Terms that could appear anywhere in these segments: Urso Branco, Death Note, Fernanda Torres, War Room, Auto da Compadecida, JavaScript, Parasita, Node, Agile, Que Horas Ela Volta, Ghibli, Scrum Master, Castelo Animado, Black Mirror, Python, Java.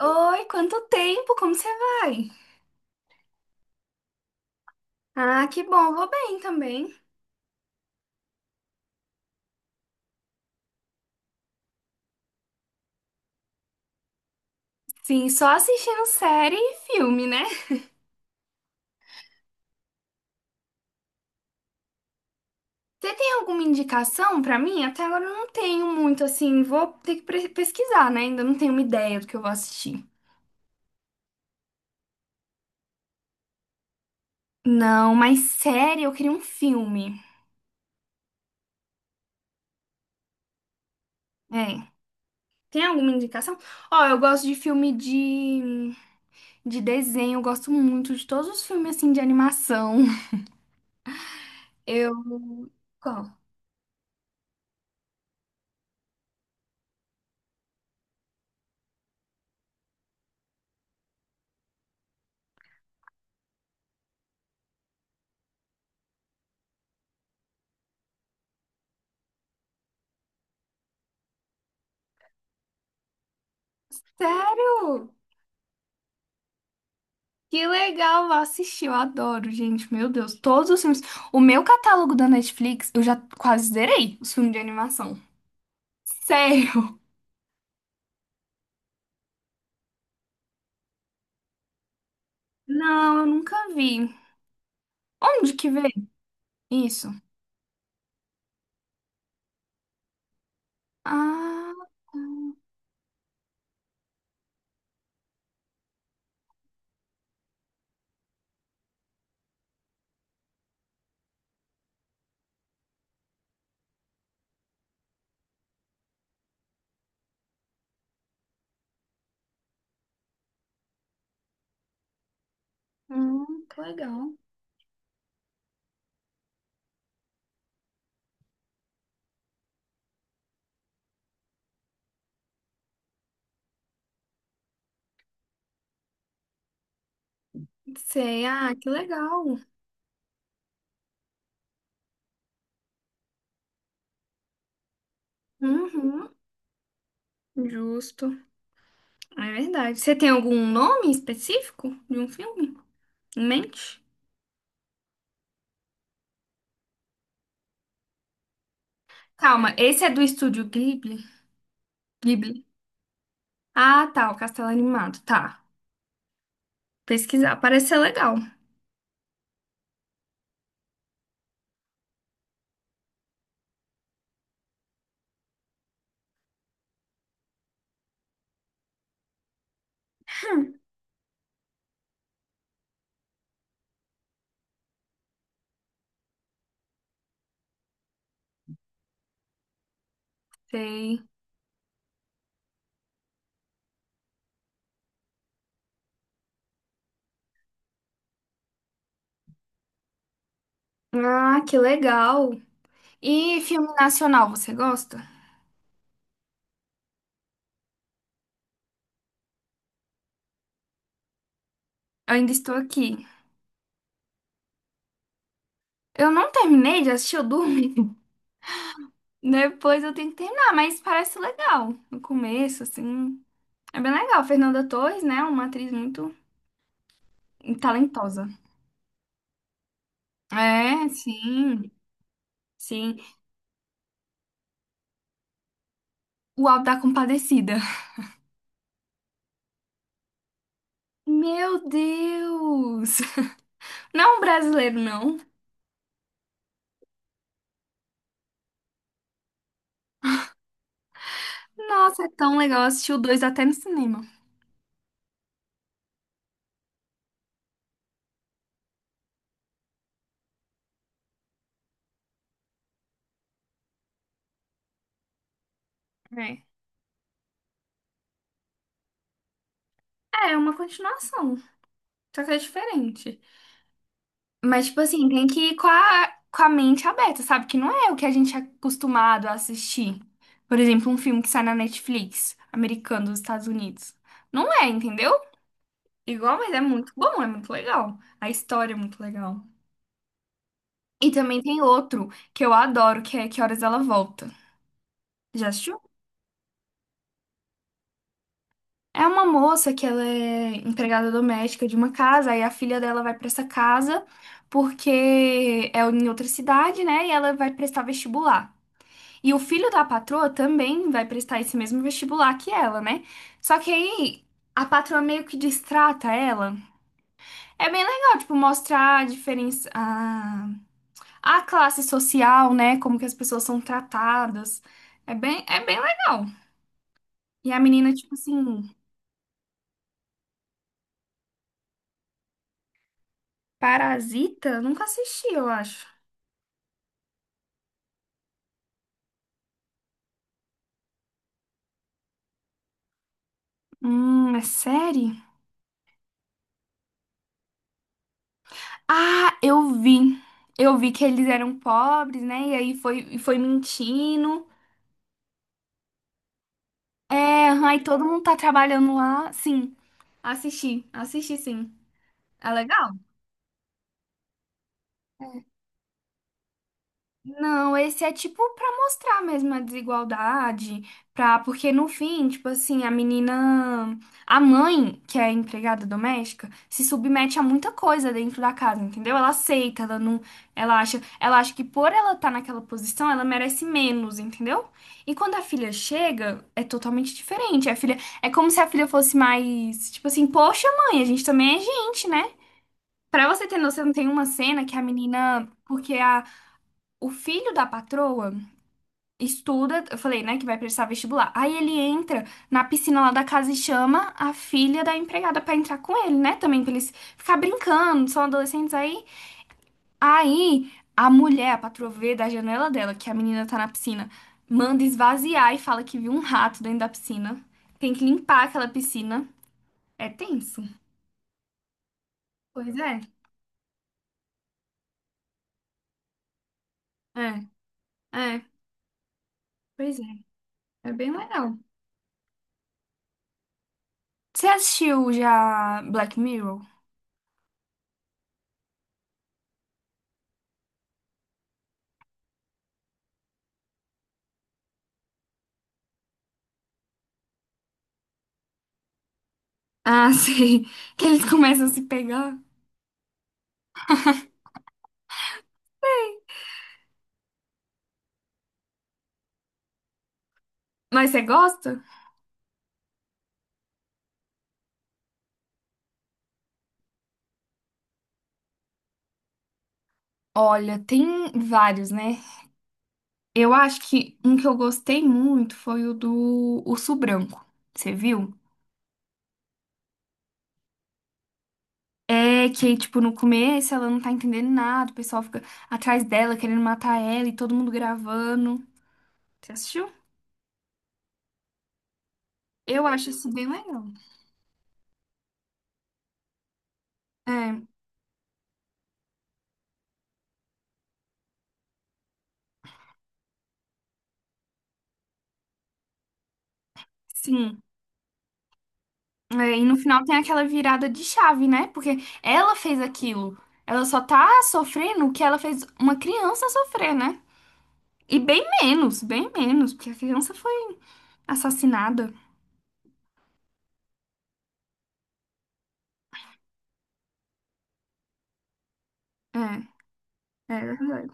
Oi, quanto tempo? Como você vai? Ah, que bom, vou bem também. Sim, só assistindo série e filme, né? Você tem alguma indicação pra mim? Até agora eu não tenho muito, assim, vou ter que pesquisar, né? Ainda não tenho uma ideia do que eu vou assistir. Não, mas série, eu queria um filme. É. Tem alguma indicação? Ó, eu gosto de filme de desenho, eu gosto muito de todos os filmes, assim, de animação. Eu. Qual? Sério? Que legal, vou assistir, eu adoro, gente, meu Deus, todos os filmes. O meu catálogo da Netflix, eu já quase zerei os filmes de animação. Sério? Não, eu nunca vi. Onde que vê isso? Ah, que legal. Sei, ah, que legal. Uhum, justo. É verdade. Você tem algum nome específico de um filme em mente? Calma, esse é do estúdio Ghibli? Ghibli. Ah, tá, o Castelo Animado, tá. Pesquisar, parece ser legal. Sei. Ah, que legal. E filme nacional, você gosta? Eu ainda estou aqui. Eu não terminei de assistir, eu dormi. Depois eu tenho que terminar, mas parece legal. No começo, assim. É bem legal. Fernanda Torres, né? Uma atriz muito talentosa. É, sim, sim. O Auto da Compadecida. Meu Deus! Não brasileiro, não. Nossa, é tão legal assistir o dois até no cinema. É. É, é uma continuação. Só que é diferente. Mas, tipo assim, tem que ir com a mente aberta, sabe? Que não é o que a gente é acostumado a assistir. Por exemplo, um filme que sai na Netflix, americano dos Estados Unidos. Não é, entendeu? Igual, mas é muito bom, é muito legal. A história é muito legal. E também tem outro que eu adoro, que é Que Horas Ela Volta. Já assistiu? É uma moça que ela é empregada doméstica de uma casa, aí a filha dela vai pra essa casa porque é em outra cidade, né? E ela vai prestar vestibular. E o filho da patroa também vai prestar esse mesmo vestibular que ela, né? Só que aí a patroa meio que destrata ela. É bem legal, tipo, mostrar a diferença, a classe social, né? Como que as pessoas são tratadas. É bem legal. E a menina, tipo assim, Parasita? Nunca assisti, eu acho. É série? Ah, eu vi. Eu vi que eles eram pobres, né? E aí foi, foi mentindo. É, aí todo mundo tá trabalhando lá. Sim, assisti, assisti sim. É legal? Não, esse é tipo pra mostrar mesmo a desigualdade, pra, porque no fim, tipo assim, a menina, a mãe, que é empregada doméstica, se submete a muita coisa dentro da casa, entendeu? Ela aceita, ela não, ela acha que por ela estar naquela posição, ela merece menos, entendeu? E quando a filha chega, é totalmente diferente. A filha, é como se a filha fosse mais, tipo assim, poxa, mãe, a gente também é gente, né? Pra você ter noção, tem uma cena que a menina, porque a o filho da patroa estuda, eu falei, né, que vai prestar vestibular. Aí ele entra na piscina lá da casa e chama a filha da empregada pra entrar com ele, né? Também pra eles ficar brincando, são adolescentes aí. Aí a mulher, a patroa vê da janela dela que a menina tá na piscina, manda esvaziar e fala que viu um rato dentro da piscina. Tem que limpar aquela piscina. É tenso. Pois é. É, é, pois é. É bem legal. Você assistiu já Black Mirror? Ah, sei. Que eles começam a se pegar. Mas você gosta? Olha, tem vários, né? Eu acho que um que eu gostei muito foi o do Urso Branco. Você viu? É que, tipo, no começo ela não tá entendendo nada, o pessoal fica atrás dela querendo matar ela e todo mundo gravando. Você assistiu? Eu acho isso bem legal. É, sim. É, e no final tem aquela virada de chave, né? Porque ela fez aquilo. Ela só tá sofrendo o que ela fez uma criança sofrer, né? E bem menos, porque a criança foi assassinada. É, é verdade.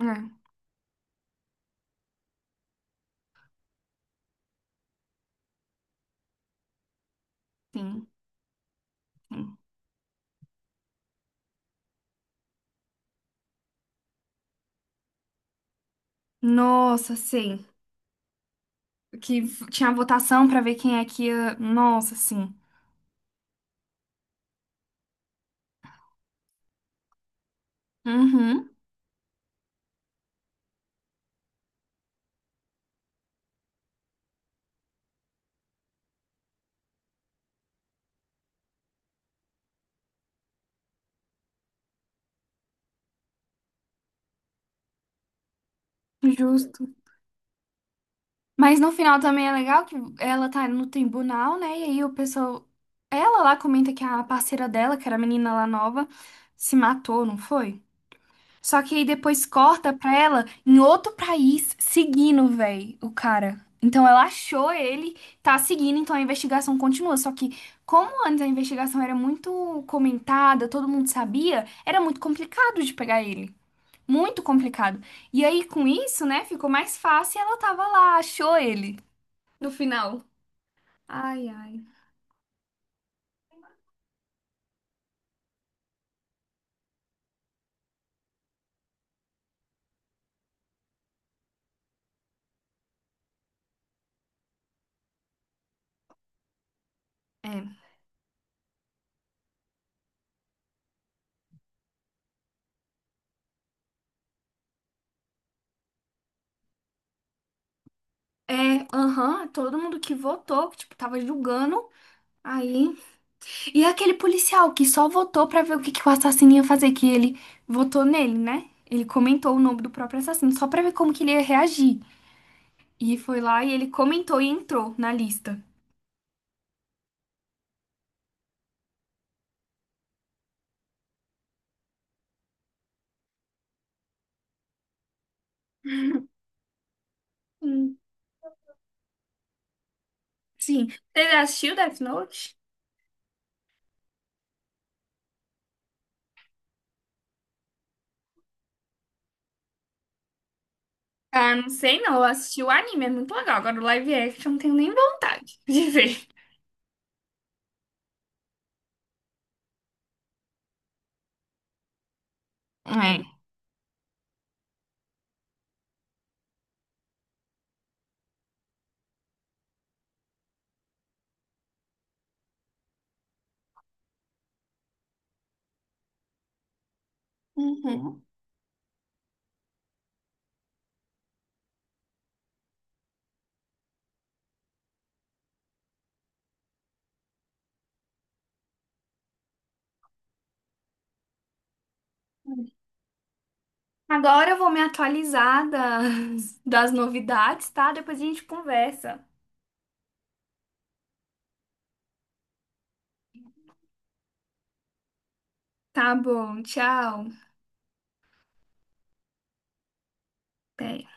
É, sim, sim. Nossa, sim. Tinha votação pra ver quem é que ia. Nossa, sim. Uhum, justo. Mas no final também é legal que ela tá no tribunal, né? E aí o pessoal. Ela lá comenta que a parceira dela, que era a menina lá nova, se matou, não foi? Só que aí depois corta pra ela em outro país seguindo, véi, o cara. Então ela achou ele, tá seguindo, então a investigação continua. Só que, como antes a investigação era muito comentada, todo mundo sabia, era muito complicado de pegar ele. Muito complicado. E aí, com isso, né, ficou mais fácil e ela tava lá, achou ele no final. Ai, ai. É. É, aham, todo mundo que votou, que, tipo, tava julgando. Aí. E aquele policial que só votou pra ver o que que o assassino ia fazer, que ele votou nele, né? Ele comentou o nome do próprio assassino, só pra ver como que ele ia reagir. E foi lá e ele comentou e entrou na lista. Hum, Sim. Você já assistiu Death Note? Ah, não sei não. Eu assisti o anime, é muito legal. Agora o live action, eu não tenho nem vontade de ver. É. Uhum. Agora eu vou me atualizar das, das novidades, tá? Depois a gente conversa. Tá bom, tchau. Até.